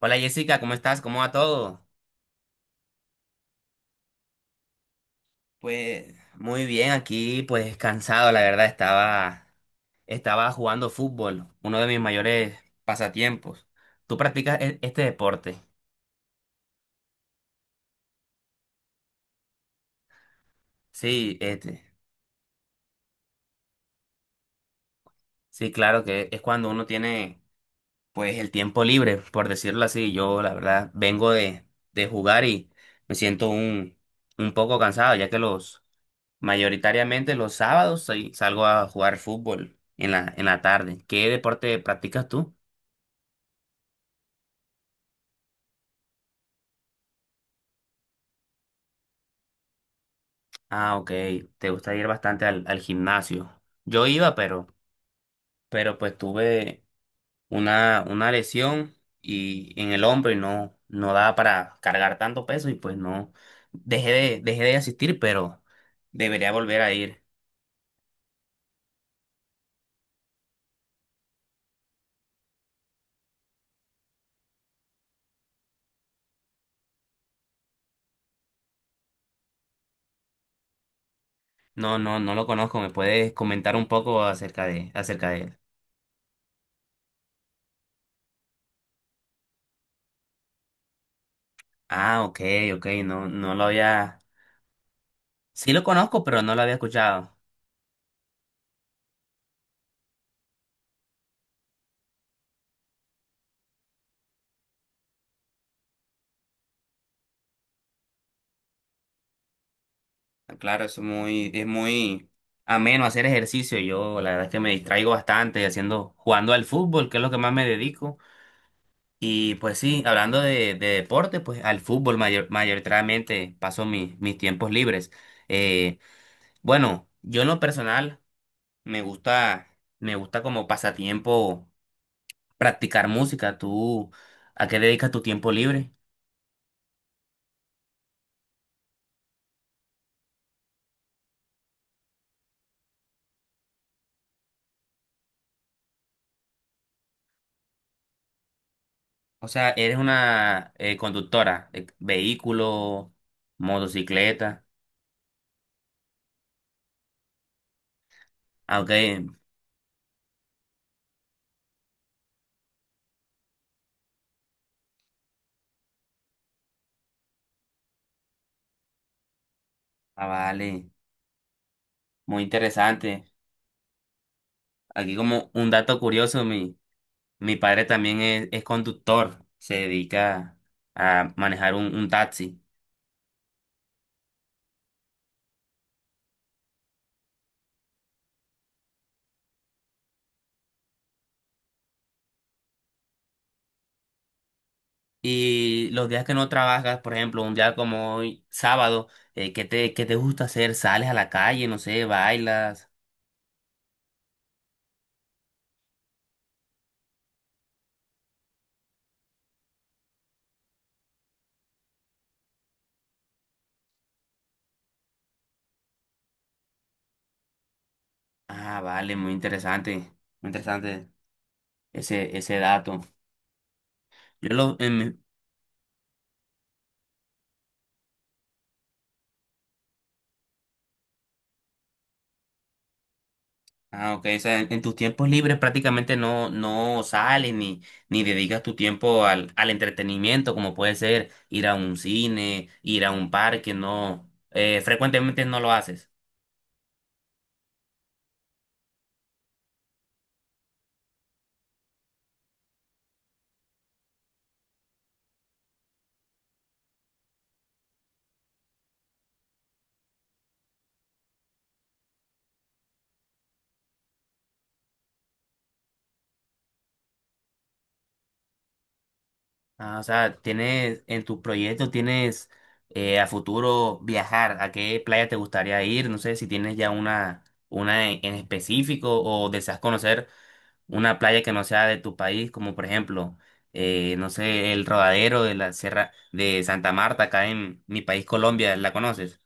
Hola Jessica, ¿cómo estás? ¿Cómo va todo? Pues muy bien, aquí pues cansado, la verdad, estaba jugando fútbol, uno de mis mayores pasatiempos. ¿Tú practicas este deporte? Sí, este. Sí, claro que es cuando uno tiene pues el tiempo libre, por decirlo así. Yo la verdad vengo de jugar y me siento un poco cansado, ya que los mayoritariamente los sábados salgo a jugar fútbol en en la tarde. ¿Qué deporte practicas tú? Ah, ok, te gusta ir bastante al gimnasio. Yo iba, pero pues tuve una lesión y en el hombro, y no, no daba para cargar tanto peso y pues no dejé de asistir, pero debería volver a ir. No, no, no lo conozco. ¿Me puedes comentar un poco acerca acerca de él? Ah, ok, ok, no, no lo había. Sí lo conozco, pero no lo había escuchado. Ah, claro, es muy ameno hacer ejercicio. Yo la verdad es que me distraigo bastante haciendo, jugando al fútbol, que es lo que más me dedico. Y pues sí, hablando de deporte, pues al fútbol mayoritariamente paso mis tiempos libres. Eh, bueno, yo en lo personal me gusta como pasatiempo practicar música. ¿Tú a qué dedicas tu tiempo libre? O sea, eres una conductora de vehículo, motocicleta. Ah, ok. Ah, vale. Muy interesante. Aquí como un dato curioso, mi padre también es conductor, se dedica a manejar un taxi. Y los días que no trabajas, por ejemplo, un día como hoy, sábado, qué te gusta hacer? ¿Sales a la calle? No sé, bailas. Ah, vale, muy interesante ese dato. Yo lo, en mi- Ah, ok. O sea, en tus tiempos libres prácticamente no, no sales ni dedicas tu tiempo al entretenimiento, como puede ser ir a un cine, ir a un parque, no. Frecuentemente no lo haces. Ah, o sea, tienes en tu proyecto, tienes a futuro viajar. ¿A qué playa te gustaría ir? No sé si tienes ya una en específico o deseas conocer una playa que no sea de tu país, como por ejemplo, no sé, el Rodadero de la Sierra de Santa Marta, acá en mi país Colombia, ¿la conoces?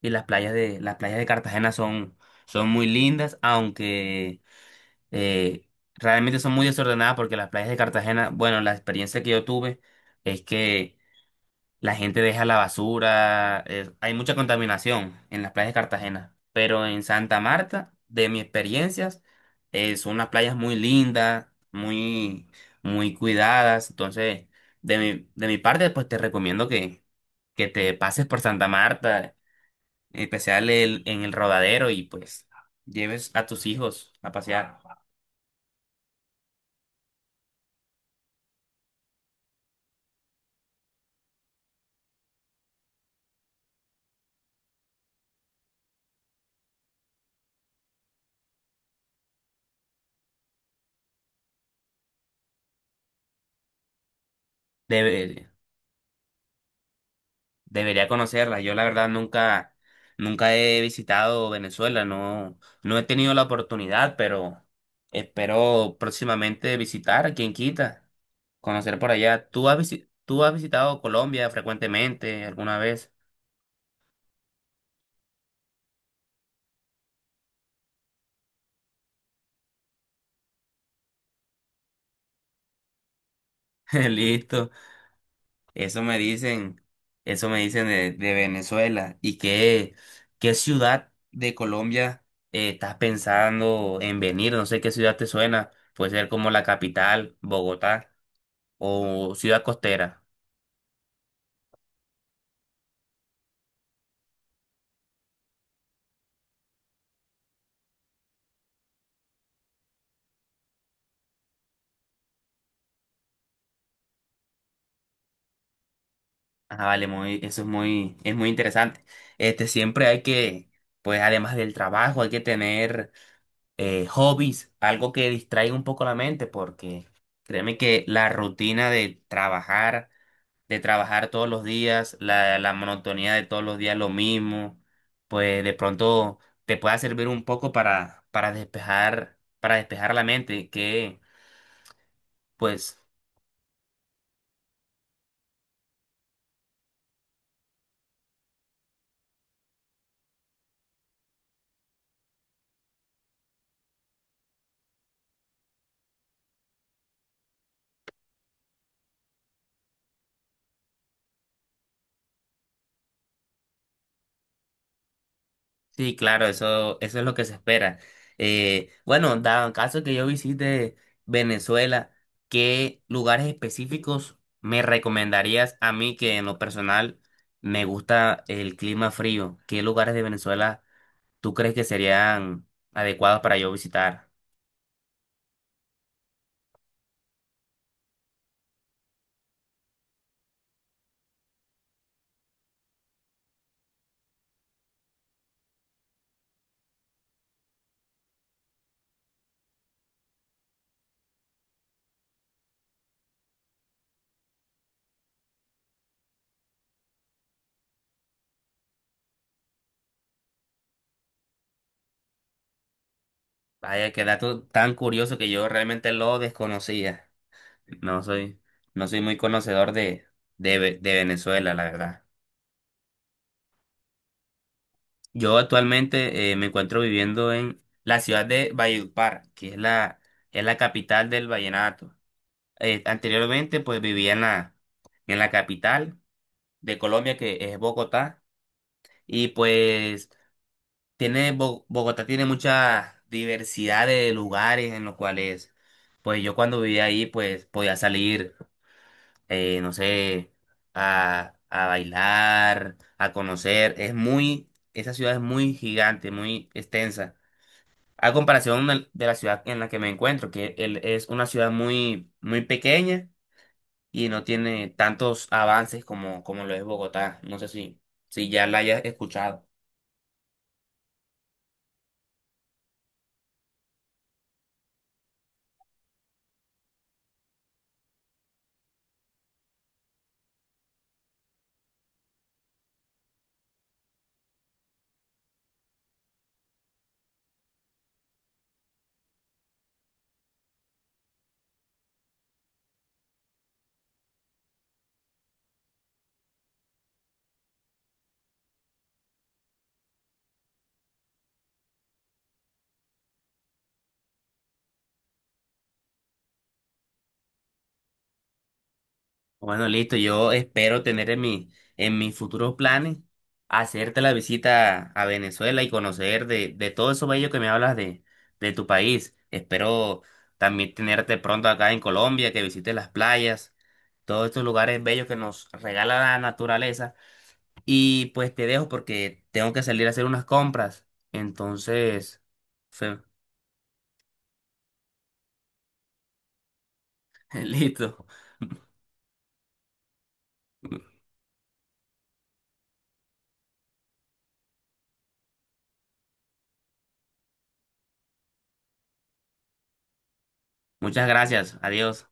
Y las playas de Cartagena son, son muy lindas, aunque eh, realmente son muy desordenadas porque las playas de Cartagena, bueno, la experiencia que yo tuve es que la gente deja la basura. Hay mucha contaminación en las playas de Cartagena, pero en Santa Marta, de mis experiencias, son unas playas muy lindas, muy, muy cuidadas. Entonces, de mi parte, pues te recomiendo que te pases por Santa Marta, en especial en el Rodadero, y pues lleves a tus hijos a pasear. Debe. Debería conocerla. Yo la verdad nunca, nunca he visitado Venezuela, no, no he tenido la oportunidad, pero espero próximamente visitar, quien quita, conocer por allá. ¿Tú has tú has visitado Colombia frecuentemente alguna vez? Listo. Eso me dicen, eso me dicen de Venezuela. ¿Y qué, qué ciudad de Colombia estás pensando en venir? No sé qué ciudad te suena. Puede ser como la capital, Bogotá. ¿O ciudad costera? Ah, vale, muy, eso es muy interesante. Este, siempre hay pues además del trabajo, hay que tener hobbies, algo que distraiga un poco la mente, porque créeme que la rutina de trabajar todos los días, la monotonía de todos los días lo mismo, pues de pronto te pueda servir un poco para despejar la mente, que pues sí, claro, eso es lo que se espera. Bueno, dado caso que yo visite Venezuela, ¿qué lugares específicos me recomendarías a mí, que en lo personal me gusta el clima frío? ¿Qué lugares de Venezuela tú crees que serían adecuados para yo visitar? Vaya, qué dato tan curioso que yo realmente lo desconocía. No soy, no soy muy conocedor de, de Venezuela, la verdad. Yo actualmente me encuentro viviendo en la ciudad de Valledupar, que es es la capital del vallenato. Anteriormente, pues vivía en en la capital de Colombia, que es Bogotá, y pues tiene, Bogotá tiene mucha diversidad de lugares en los cuales, pues yo cuando vivía ahí, pues podía salir, no sé, a bailar, a conocer. Es muy, esa ciudad es muy gigante, muy extensa. A comparación de la ciudad en la que me encuentro, que es una ciudad muy, muy pequeña y no tiene tantos avances como, como lo es Bogotá. No sé si ya la hayas escuchado. Bueno, listo. Yo espero tener en en mis futuros planes hacerte la visita a Venezuela y conocer de todo eso bello que me hablas de tu país. Espero también tenerte pronto acá en Colombia, que visites las playas, todos estos lugares bellos que nos regala la naturaleza. Y pues te dejo porque tengo que salir a hacer unas compras. Entonces, fue- listo. Muchas gracias. Adiós.